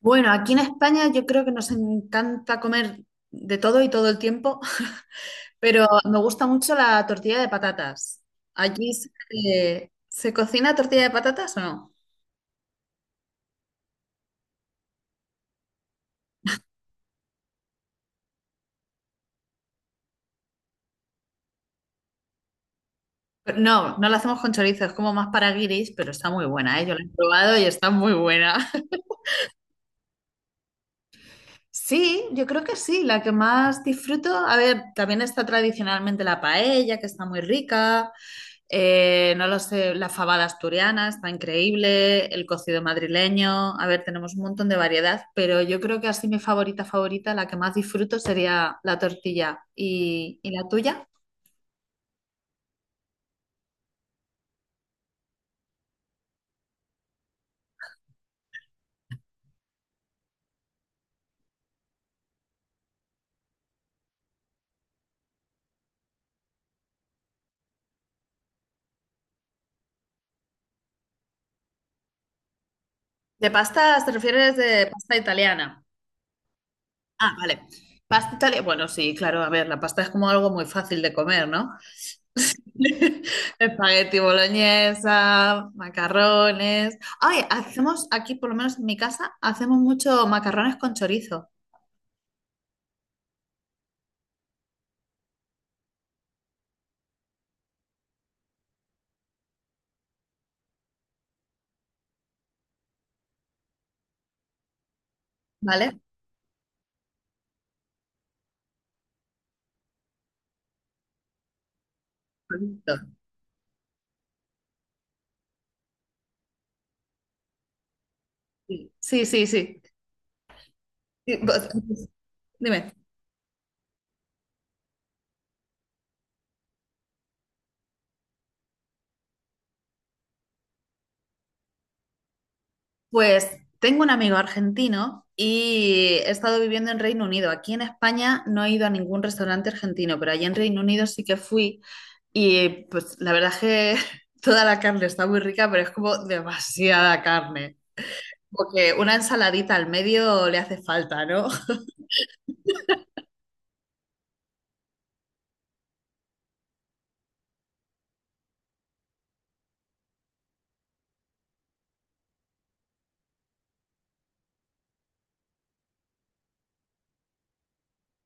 Bueno, aquí en España yo creo que nos encanta comer de todo y todo el tiempo, pero me gusta mucho la tortilla de patatas. ¿Allí se cocina tortilla de patatas o no? No, no la hacemos con chorizo, es como más para guiris, pero está muy buena, ¿eh? Yo la he probado y está muy buena. Sí, yo creo que sí, la que más disfruto. A ver, también está tradicionalmente la paella, que está muy rica. No lo sé, la fabada asturiana está increíble, el cocido madrileño, a ver, tenemos un montón de variedad, pero yo creo que así mi favorita favorita, la que más disfruto sería la tortilla. ¿Y la tuya? ¿De pastas te refieres de pasta italiana? Ah, vale. Pasta italiana, bueno, sí, claro, a ver, la pasta es como algo muy fácil de comer, ¿no? Espagueti boloñesa, macarrones. Ay, hacemos aquí, por lo menos en mi casa, hacemos mucho macarrones con chorizo. ¿Vale? Perfecto. Sí, sí, sí, sí. Sí, pues, dime. Pues tengo un amigo argentino y he estado viviendo en Reino Unido. Aquí en España no he ido a ningún restaurante argentino, pero allá en Reino Unido sí que fui y pues la verdad es que toda la carne está muy rica, pero es como demasiada carne. Porque una ensaladita al medio le hace falta, ¿no?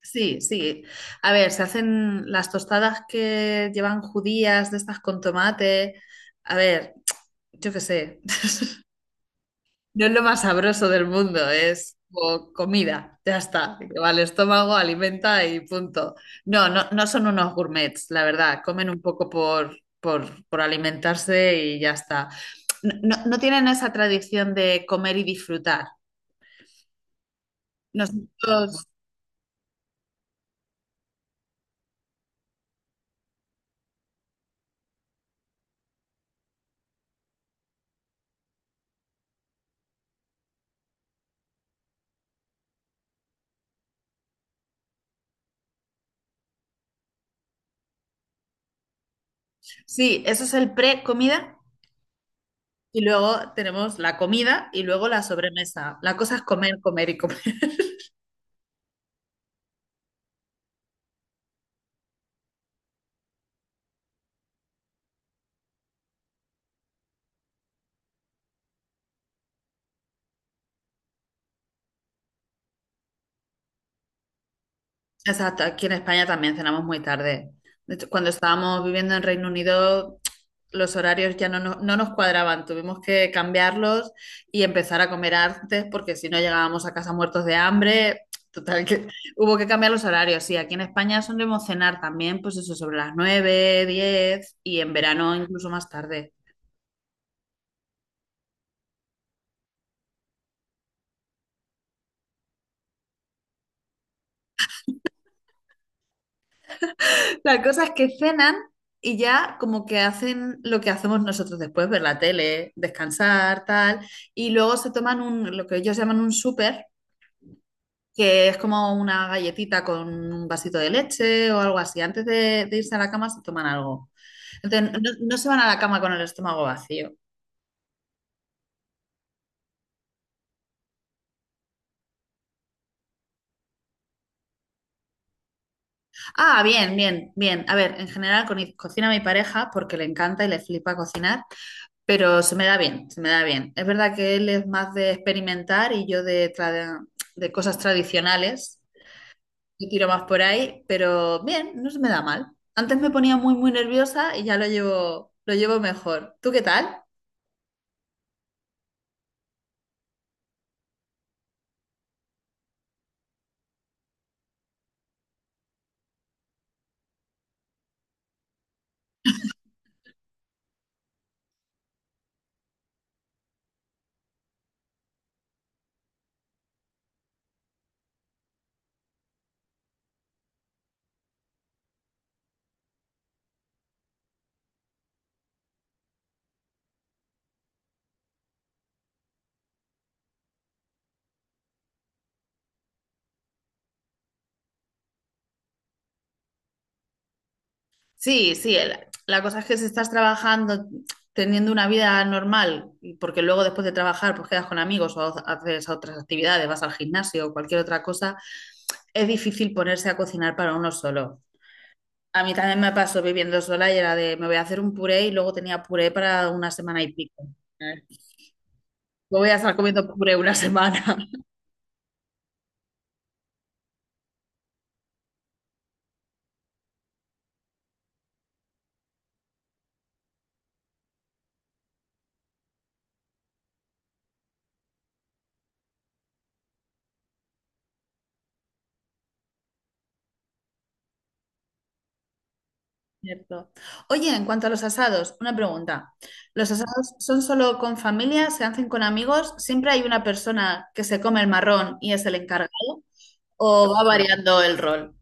Sí, sí. A ver, se hacen las tostadas que llevan judías de estas con tomate. A ver, yo qué sé, no es lo más sabroso del mundo, es como comida, ya está, que va al estómago, alimenta y punto. No, no, no son unos gourmets, la verdad, comen un poco por alimentarse y ya está. No, no tienen esa tradición de comer y disfrutar. Nosotros, sí, eso es el pre-comida y luego tenemos la comida y luego la sobremesa. La cosa es comer, comer y comer. Exacto, aquí en España también cenamos muy tarde. De hecho, cuando estábamos viviendo en Reino Unido, los horarios ya no nos cuadraban, tuvimos que cambiarlos y empezar a comer antes porque si no llegábamos a casa muertos de hambre. Total, que hubo que cambiar los horarios. Sí, aquí en España solemos cenar también, pues eso, sobre las 9, 10 y en verano incluso más tarde. La cosa es que cenan y ya como que hacen lo que hacemos nosotros después, ver la tele, descansar, tal, y luego se toman un, lo que ellos llaman un súper, que es como una galletita con un vasito de leche o algo así. Antes de irse a la cama se toman algo. Entonces, no, no se van a la cama con el estómago vacío. Ah, bien, bien, bien. A ver, en general cocina mi pareja porque le encanta y le flipa cocinar. Pero se me da bien, se me da bien. Es verdad que él es más de experimentar y yo de cosas tradicionales. Yo tiro más por ahí, pero bien, no se me da mal. Antes me ponía muy, muy nerviosa y ya lo llevo mejor. ¿Tú qué tal? Sí, sí, la cosa es que si estás trabajando, teniendo una vida normal, y porque luego después de trabajar pues quedas con amigos o haces otras actividades, vas al gimnasio o cualquier otra cosa, es difícil ponerse a cocinar para uno solo. A mí también me pasó viviendo sola y era de, me voy a hacer un puré y luego tenía puré para una semana y pico. Eh, No voy a estar comiendo puré una semana. Cierto. Oye, en cuanto a los asados, una pregunta. ¿Los asados son solo con familia? ¿Se hacen con amigos? ¿Siempre hay una persona que se come el marrón y es el encargado? ¿O va variando el rol?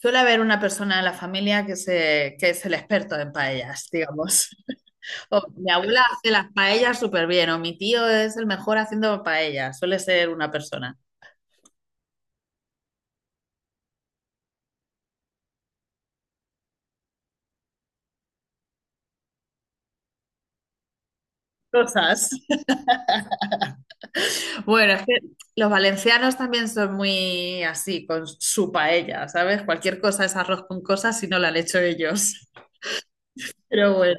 Suele haber una persona en la familia que es el experto en paellas, digamos. Mi abuela hace las paellas súper bien, o mi tío es el mejor haciendo paellas, suele ser una persona. Cosas. Bueno, es que los valencianos también son muy así, con su paella, ¿sabes? Cualquier cosa es arroz con cosas si no la han hecho ellos. Pero bueno,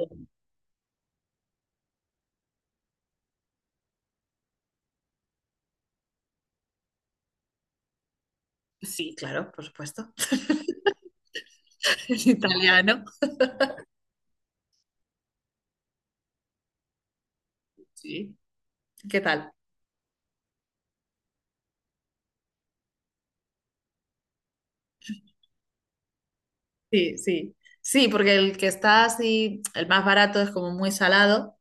sí, claro, por supuesto. Es italiano. Sí. ¿Qué tal? Sí, sí. Sí, porque el que está así, el más barato es como muy salado.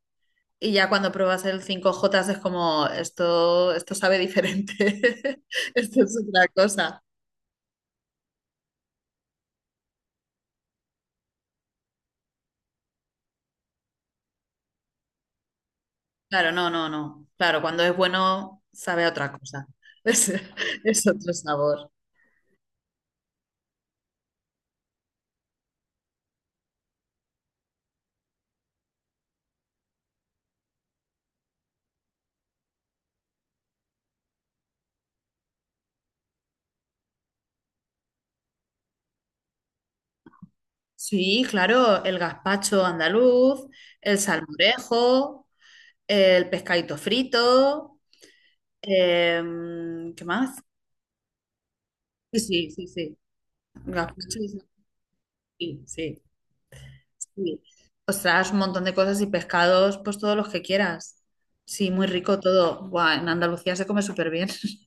Y ya cuando pruebas el cinco j es como, esto sabe diferente, esto es otra cosa. Claro, no, no, no. Claro, cuando es bueno, sabe a otra cosa. Es, es otro sabor. Sí, claro, el gazpacho andaluz, el salmorejo, el pescadito frito, ¿qué más? Sí, sí, sí, sí. Gazpacho sí, sí. Sí. Ostras, un montón de cosas y pescados, pues todos los que quieras. Sí, muy rico todo. Buah, en Andalucía se come súper bien.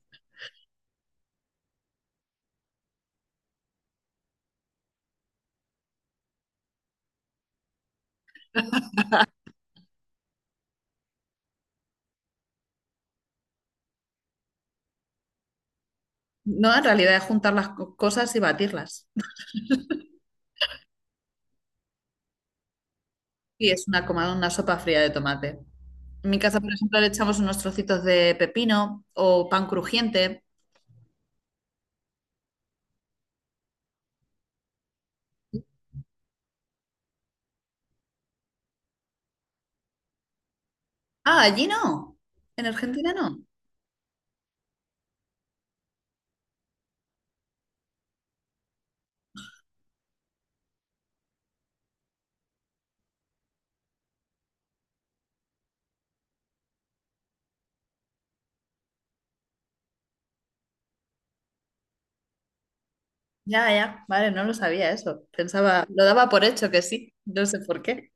No, en realidad es juntar las cosas y batirlas. Y es una sopa fría de tomate. En mi casa, por ejemplo, le echamos unos trocitos de pepino o pan crujiente. Ah, allí no. En Argentina no. Ya, ya. Vale, no lo sabía eso. Pensaba, lo daba por hecho que sí. No sé por qué.